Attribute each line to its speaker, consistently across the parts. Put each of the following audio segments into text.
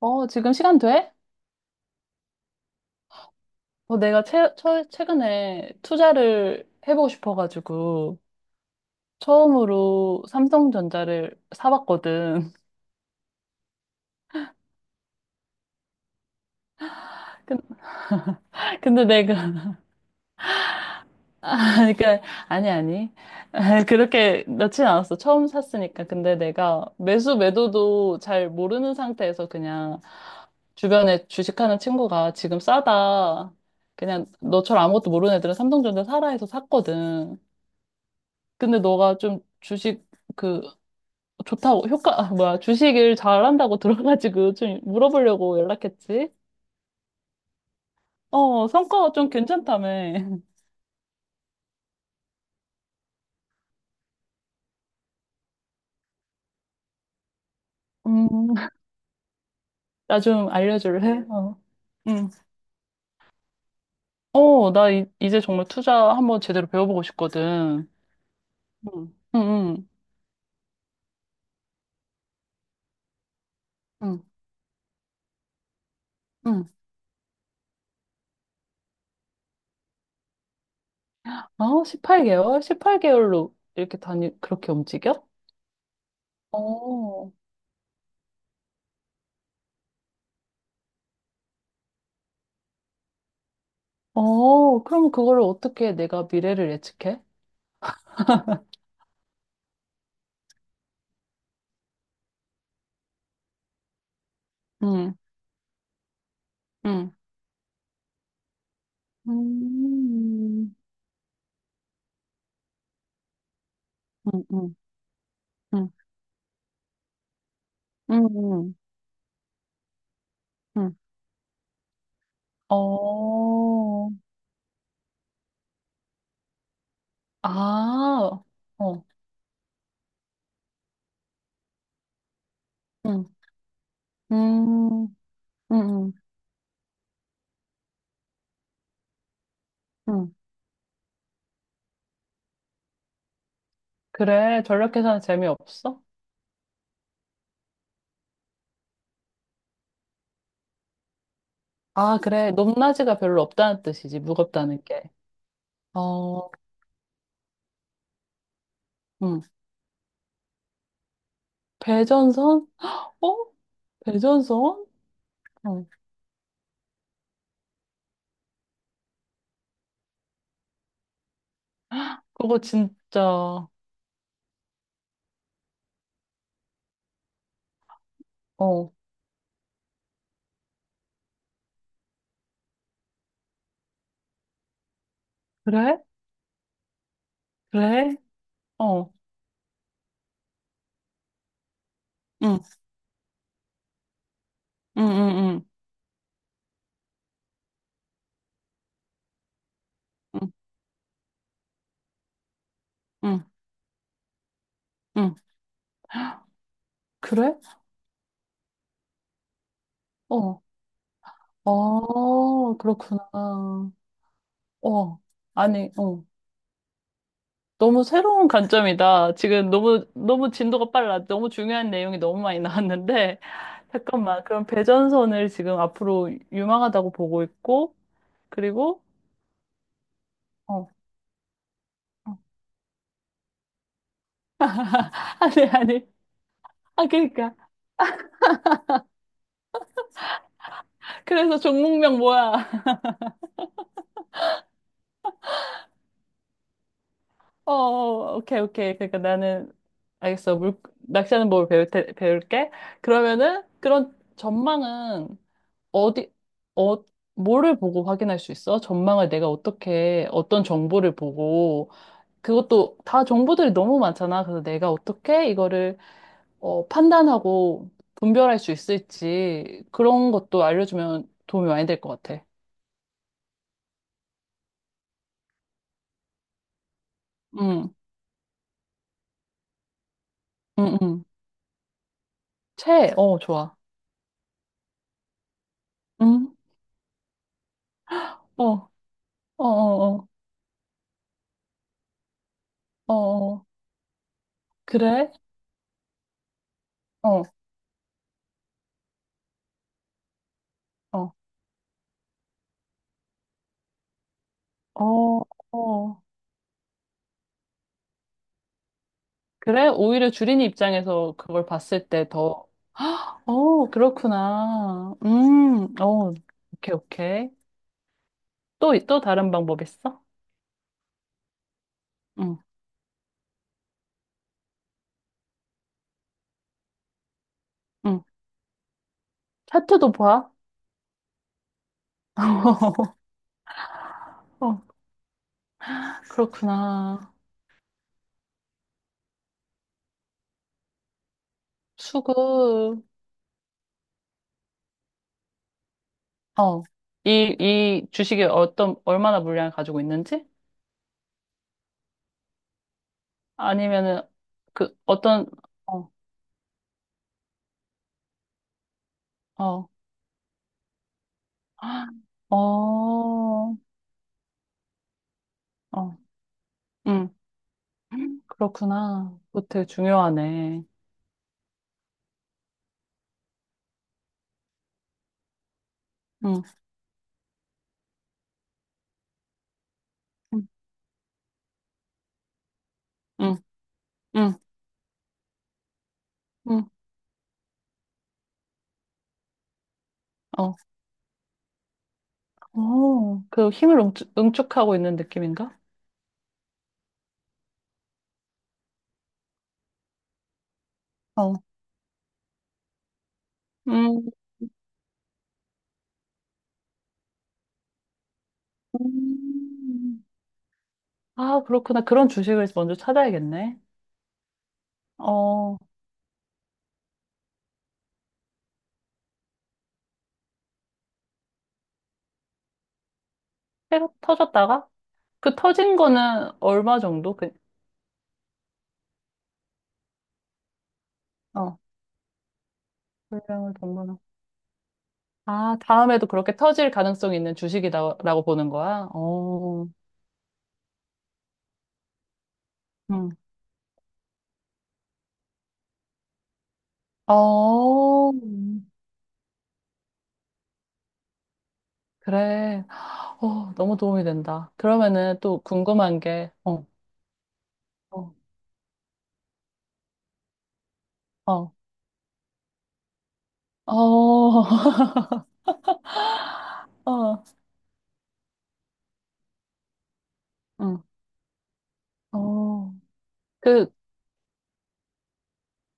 Speaker 1: 어, 지금 시간 돼? 어, 내가 최근에 투자를 해보고 싶어가지고 처음으로 삼성전자를 사봤거든. 근- 근데 내가, 그러니까, 아니, 아니. 그렇게 넣진 않았어. 처음 샀으니까. 근데 내가 매수 매도도 잘 모르는 상태에서 그냥 주변에 주식하는 친구가 지금 싸다. 그냥 너처럼 아무것도 모르는 애들은 삼성전자 사라 해서 샀거든. 근데 너가 좀 주식 그 좋다고, 효과, 아, 뭐야, 주식을 잘한다고 들어가지고 좀 물어보려고 연락했지? 어, 성과가 좀 괜찮다며. 음, 나 좀 알려줄래? 어. 응. 어, 나 제 정말 투자 한번 제대로 배워보고 싶거든. 응, 응, 응, 응. 어, 18개월? 18개월로 이렇게 다니, 그렇게 움직여? 어, 어, 그럼 그거를 어떻게 내가 미래를 예측해? 응, 응. 음, 응, 응, 응, 응. 응, 어, 아, 어, 응, 음, 응, 응, 응. 그래. 전력 계산 재미없어? 아, 그래. 높낮이가 별로 없다는 뜻이지. 무겁다는 게. 어, 응. 배전선? 어? 배전선? 어, 그거 진짜, 어, 그래? 그래? 어, 응, 응, 응, 응, 응, 응, 응. 그래? 어, 어, 그렇구나. 어, 아니, 어. 너무 새로운 관점이다. 지금 너무, 너무 진도가 빨라. 너무 중요한 내용이 너무 많이 나왔는데. 잠깐만. 그럼 배전선을 지금 앞으로 유망하다고 보고 있고, 그리고, 어. 어. 아니, 아니. 아, 그러니까. 그래서 종목명 뭐야? 어, 어, 오케이, 오케이. 그러니까 나는, 알겠어. 낚시하는 법을 배울게. 그러면은, 그런 전망은 어디, 어, 뭐를 보고 확인할 수 있어? 전망을 내가 어떻게, 어떤 정보를 보고, 그것도 다 정보들이 너무 많잖아. 그래서 내가 어떻게 이거를 어, 판단하고 분별할 수 있을지 그런 것도 알려주면 도움이 많이 될 것 같아. 응, 응, 응. 어, 좋아. 응, 어, 어, 어, 어, 어, 어, 그래? 어, 어, 어, 어. 그래? 오히려 주린이 입장에서 그걸 봤을 때 더, 헉, 어, 그렇구나. 어, 오케이, 오케이. 또, 또 다른 방법 있어? 응, 응. 차트도 봐. 어, 그렇구나. 수급. 어. 이 주식이 어떤, 얼마나 물량을 가지고 있는지? 아니면은, 그, 어떤, 어, 어, 어, 어, 음, 그렇구나. 그거 되게 중요하네. 응, 응, 응, 응, 응, 어, 어, 그 힘을 응축하고 있는 느낌인가? 어, 음, 음. 아, 그렇구나. 그런 주식을 먼저 찾아야겠네. 어. 해가 터졌다가? 그 터진 거는 얼마 정도? 그, 어, 분량을 본거나 아, 다음에도 그렇게 터질 가능성이 있는 주식이다라고 보는 거야? 어, 응. 어, 그래. 어, 너무 도움이 된다. 그러면은 또 궁금한 게, 어, 어, 어, 어, 어, 응, 어. 그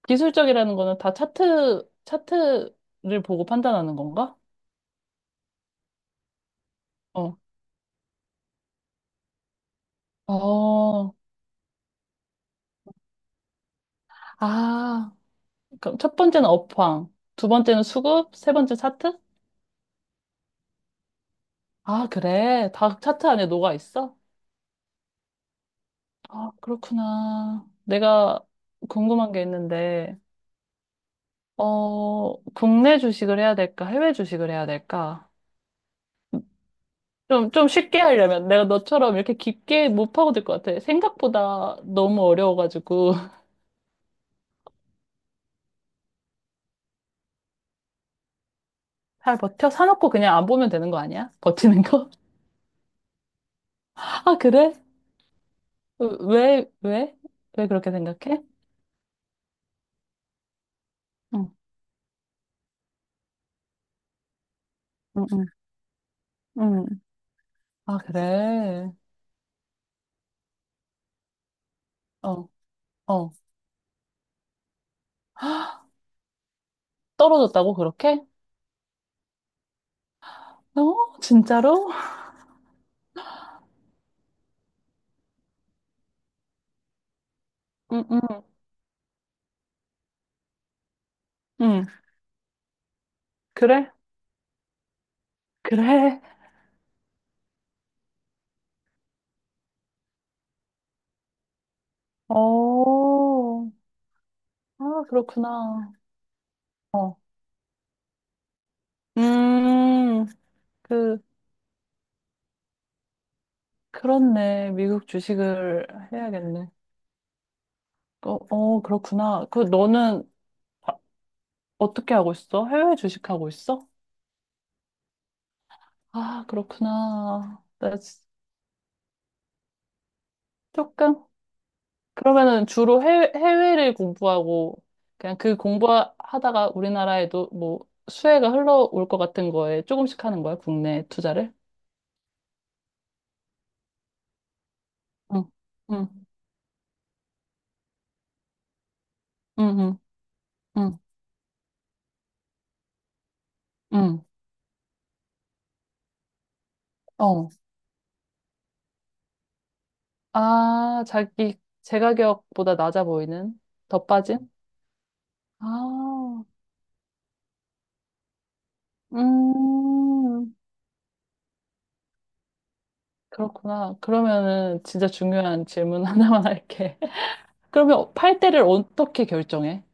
Speaker 1: 기술적이라는 거는 다 차트를 보고 판단하는 건가? 어, 어, 아. 그럼 첫 번째는 업황, 두 번째는 수급, 세 번째 차트? 아, 그래. 다 차트 안에 녹아 있어? 아, 그렇구나. 내가 궁금한 게 있는데, 어, 국내 주식을 해야 될까? 해외 주식을 해야 될까? 좀 쉽게 하려면 내가 너처럼 이렇게 깊게 못 파고들 것 같아. 생각보다 너무 어려워가지고. 잘 버텨? 사놓고 그냥 안 보면 되는 거 아니야? 버티는 거? 아, 그래? 왜, 왜? 왜 그렇게 생각해? 응, 응, 응. 응, 응. 아, 그래. 어, 어. 떨어졌다고, 그렇게? 어, 진짜로? 응, 응, 응. 그래? 그래. 어, 아, 그렇구나. 어. 음, 그, 그렇네. 미국 주식을 해야겠네. 어, 어, 그렇구나. 그, 너는 바- 어떻게 하고 있어? 해외 주식하고 있어? 아, 그렇구나. 나 조금? 그러면은 주로 해외를 공부하고 그냥 그 공부하다가 우리나라에도 뭐 수혜가 흘러올 것 같은 거에 조금씩 하는 거야, 국내 투자를? 응, 응, 응, 응, 응, 응. 어. 아, 자기 제 가격보다 낮아 보이는? 더 빠진? 아, 음, 그렇구나. 그러면은 진짜 중요한 질문 하나만 할게. 그러면 팔 때를 어떻게 결정해?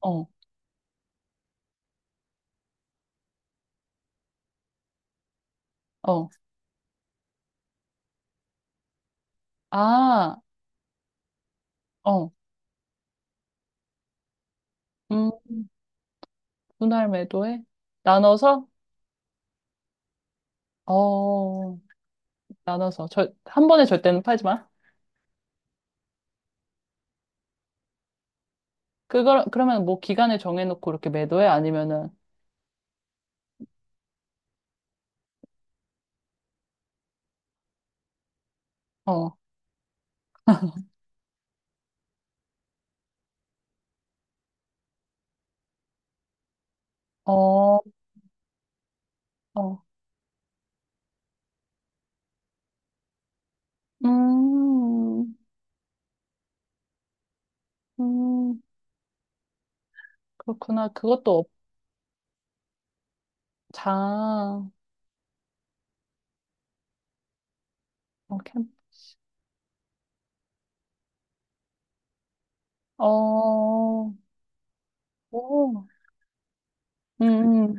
Speaker 1: 어, 어. 아, 어. 음. 분할 매도에 나눠서 어 나눠서 한 번에 절대는 팔지 마. 그걸 그러면 뭐 기간을 정해놓고 이렇게 매도해 아니면은 어, 어, 어, 음, 음, 그렇구나. 그것도 자어케이 어오음음어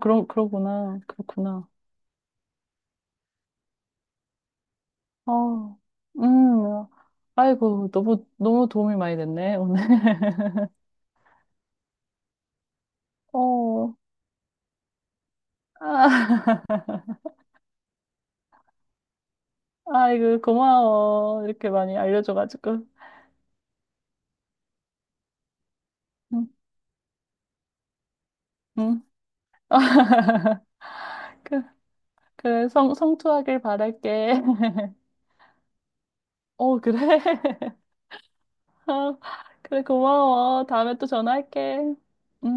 Speaker 1: 그러구나. 그렇구나. 어음. 아이고, 너무 너무 도움이 많이 됐네 오늘. 어. 아. 아이고, 고마워. 이렇게 많이 알려줘가지고. 응, 응. 그, 그래, 성투하길 바랄게. 어, 그래. 아, 그래, 고마워. 다음에 또 전화할게. 응.